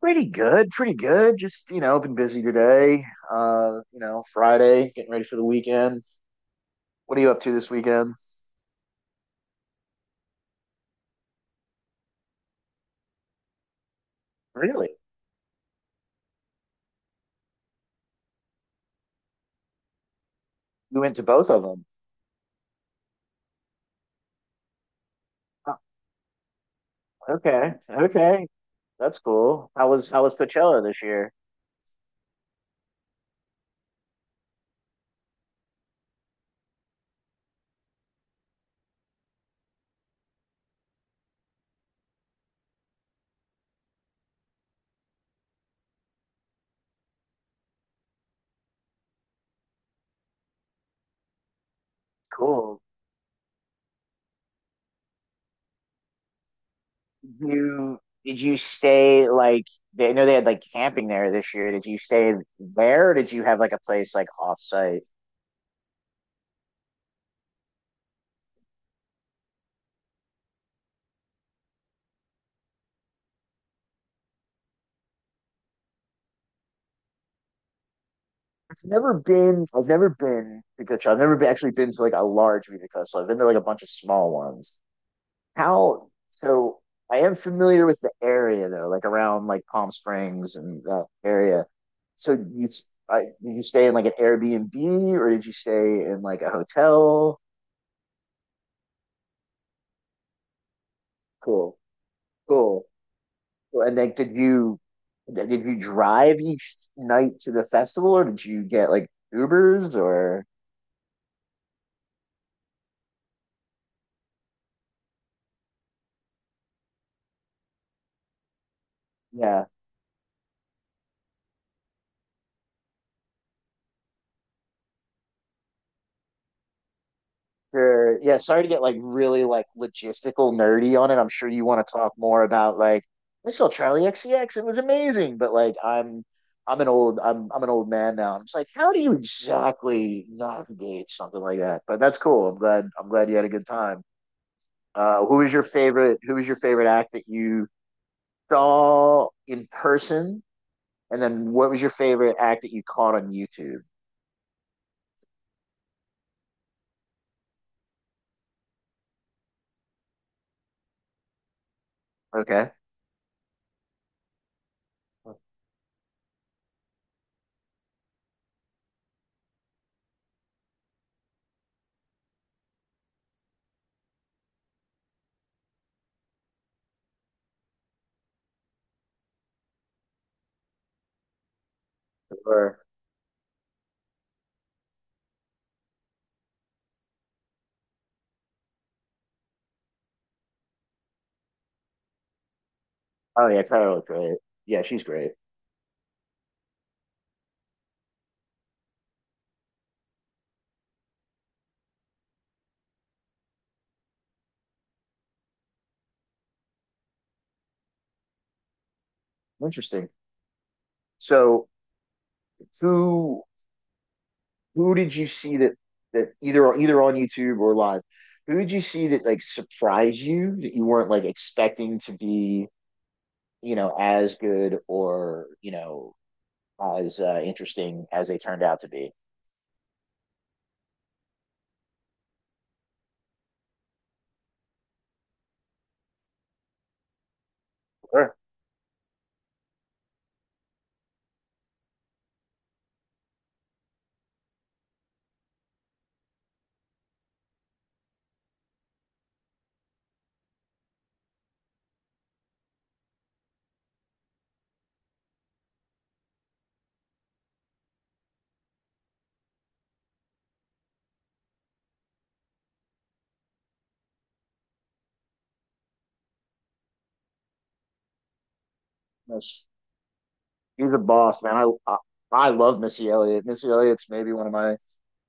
Pretty good, pretty good. Just, you know, been busy today. You know, Friday, getting ready for the weekend. What are you up to this weekend? Really? You went to both of them. Oh, okay. Okay. That's cool. How was Coachella this year? Cool. Did you did you stay like they I know they had like camping there this year. Did you stay there or did you have like a place like off site? I've never been to Coachella. I've never been, actually been to like a large music festival. I've been to like a bunch of small ones. How so? I am familiar with the area though, like around like Palm Springs and that area. So you s- I, did you stay in like an Airbnb or did you stay in like a hotel? Cool, cool. Cool. And like, did you drive each night to the festival or did you get like Ubers or yeah? Sure. Yeah, sorry to get like really like logistical nerdy on it. I'm sure you want to talk more about like I saw Charlie XCX. It was amazing, but like I'm an old man now. I'm just like, how do you exactly navigate something like that? But that's cool. I'm glad you had a good time. Who was your favorite? Who was your favorite act that you saw in person? And then what was your favorite act that you caught on YouTube? Okay. Or, oh yeah, Kyle's great. Yeah, she's great. Interesting. So who who did you see that either on YouTube or live? Who did you see that like surprised you that you weren't like expecting to be you know as good or you know as interesting as they turned out to be? Sure. Yes. He's a boss, man. I, I love Missy Elliott. Missy Elliott's maybe one of my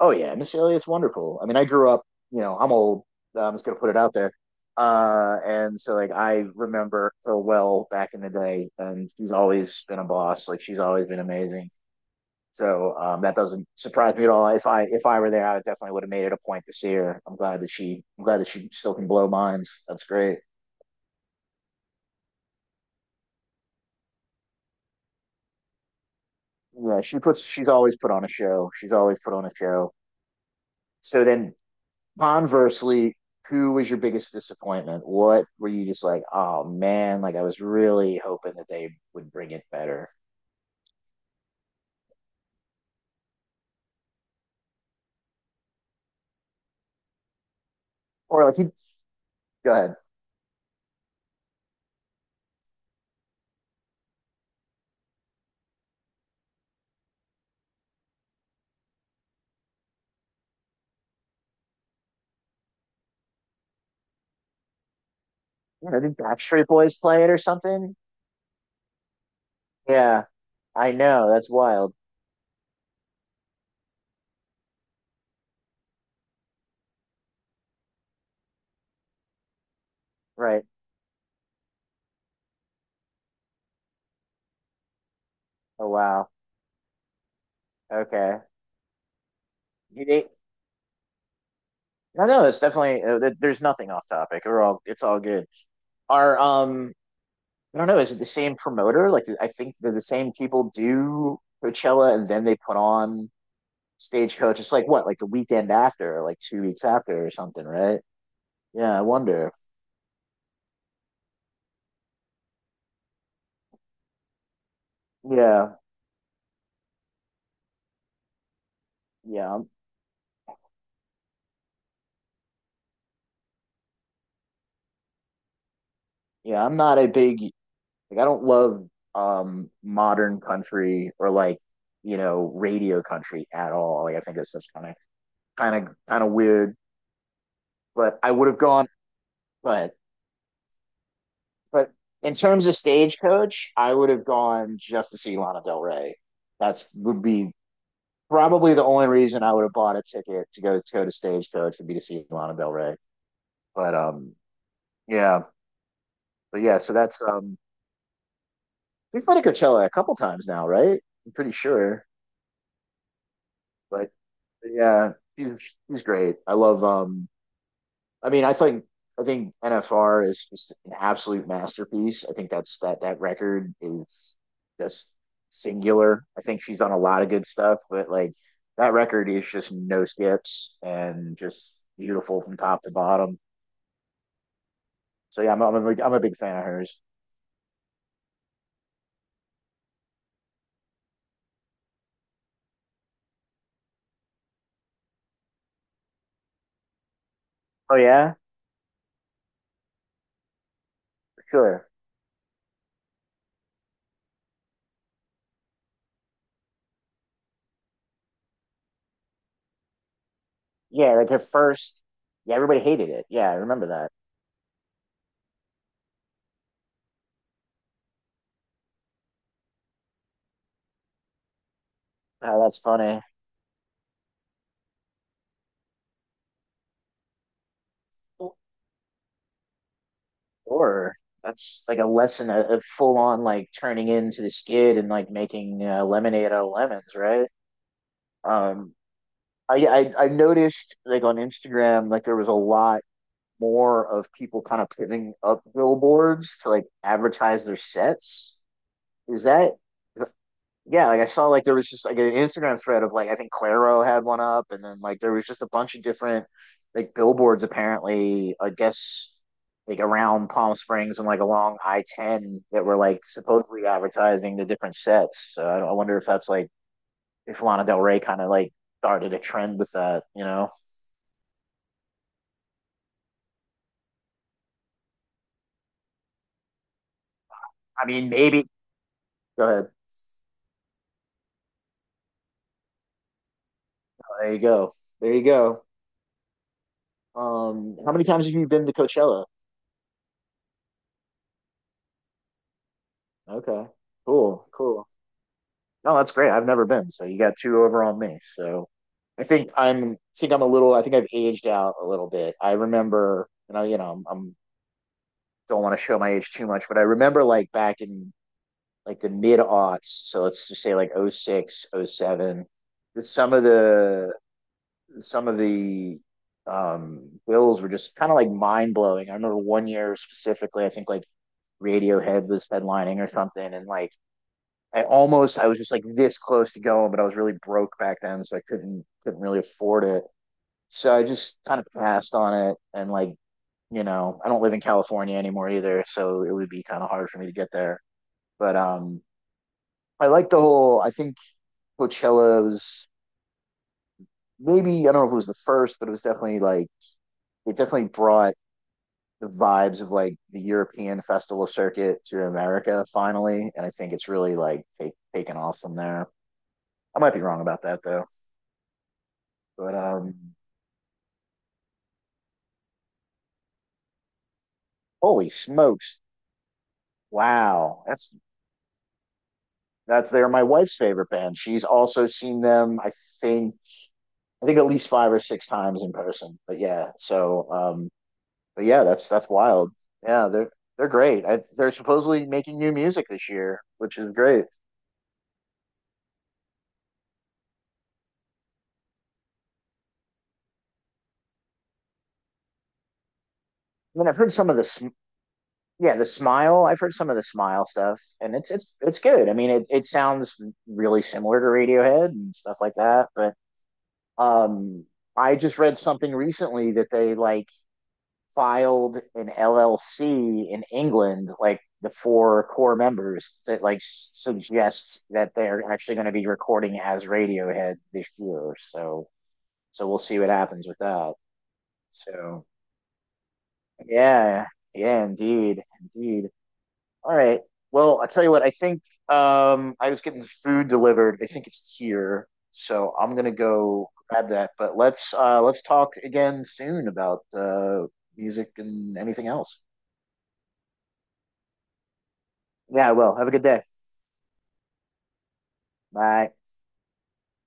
oh yeah, Missy Elliott's wonderful. I mean, I grew up. You know, I'm old. I'm just gonna put it out there. And so like I remember her well back in the day, and she's always been a boss. Like she's always been amazing. So that doesn't surprise me at all. If I were there, I definitely would have made it a point to see her. I'm glad that she still can blow minds. That's great. Yeah, she's always put on a show. She's always put on a show. So then conversely, who was your biggest disappointment? What were you just like, oh man, like I was really hoping that they would bring it better? Or like, you- go ahead. You know, did Backstreet Boys play it or something? Yeah, I know. That's wild. Right. Oh, wow. Okay. You think- I don't know. It's definitely, there- there's nothing off topic. We're all, it's all good. Are, I don't know. Is it the same promoter? Like, I think they're the same people do Coachella and then they put on Stagecoach. It's like what, like the weekend after, or like 2 weeks after, or something, right? Yeah, I wonder. Yeah, yeah, I'm- yeah. I'm not a big like. I don't love modern country or like you know radio country at all. Like I think it's just kind of kind of weird. But I would have gone. But but in terms of Stagecoach, I would have gone just to see Lana Del Rey. That's would be probably the only reason I would have bought a ticket to go to Stagecoach would be to see Lana Del Rey. But yeah, but yeah. So that's we've been to Coachella a couple times now, right? I'm pretty sure. But, but yeah, he's great. I love. I mean, I think NFR is just an absolute masterpiece. I think that record is just singular. I think she's done a lot of good stuff, but like that record is just no skips and just beautiful from top to bottom. So yeah, I'm a big fan of hers. Oh yeah, sure. Yeah, like her first. Yeah, everybody hated it. Yeah, I remember that. Oh, that's funny. Or that's like a lesson of full on like turning into the skid and like making lemonade out of lemons, right? Um, I noticed like on Instagram like there was a lot more of people kind of putting up billboards to like advertise their sets. Is that yeah, like I saw like there was just like an Instagram thread of like I think Claro had one up, and then like there was just a bunch of different like billboards apparently, I guess like around Palm Springs and like along I-10 that were like supposedly advertising the different sets. So I wonder if that's like if Lana Del Rey kind of like started a trend with that, you know? I mean, maybe. Go ahead. There you go. There you go. How many times have you been to Coachella? Okay. Cool. Cool. No, that's great. I've never been, so you got two over on me. So I think I've aged out a little bit. I remember, I'm don't want to show my age too much, but I remember like back in like the mid aughts, so let's just say like oh 06, oh 07, some of the some of the bills were just kind of like mind blowing. I remember one year specifically, I think like Radiohead was headlining or something, and like I was just like this close to going, but I was really broke back then, so I couldn't really afford it. So I just kind of passed on it and like, you know, I don't live in California anymore either, so it would be kind of hard for me to get there. But I like the whole I think Coachella was maybe I don't know if it was the first, but it was definitely like it definitely brought the vibes of like the European festival circuit to America finally. And I think it's really like taken off from there. I might be wrong about that though. But holy smokes. Wow. That's they're my wife's favorite band. She's also seen them, think, I think at least 5 or 6 times in person. But yeah, so but yeah, that's wild. Yeah, they're great. They're supposedly making new music this year, which is great. I mean, I've heard some of the sm yeah, the Smile. I've heard some of the Smile stuff, and it's it's good. I mean, it sounds really similar to Radiohead and stuff like that, but um I just read something recently that they like filed an LLC in England, like the four core members, that like suggests that they're actually going to be recording as Radiohead this year. So, so we'll see what happens with that. So, yeah, yeah, indeed, indeed. All right. Well, I tell you what, I think I was getting food delivered. I think it's here, so I'm gonna go grab that. But let's talk again soon about music and anything else. Yeah, I will. Have a good day. Bye.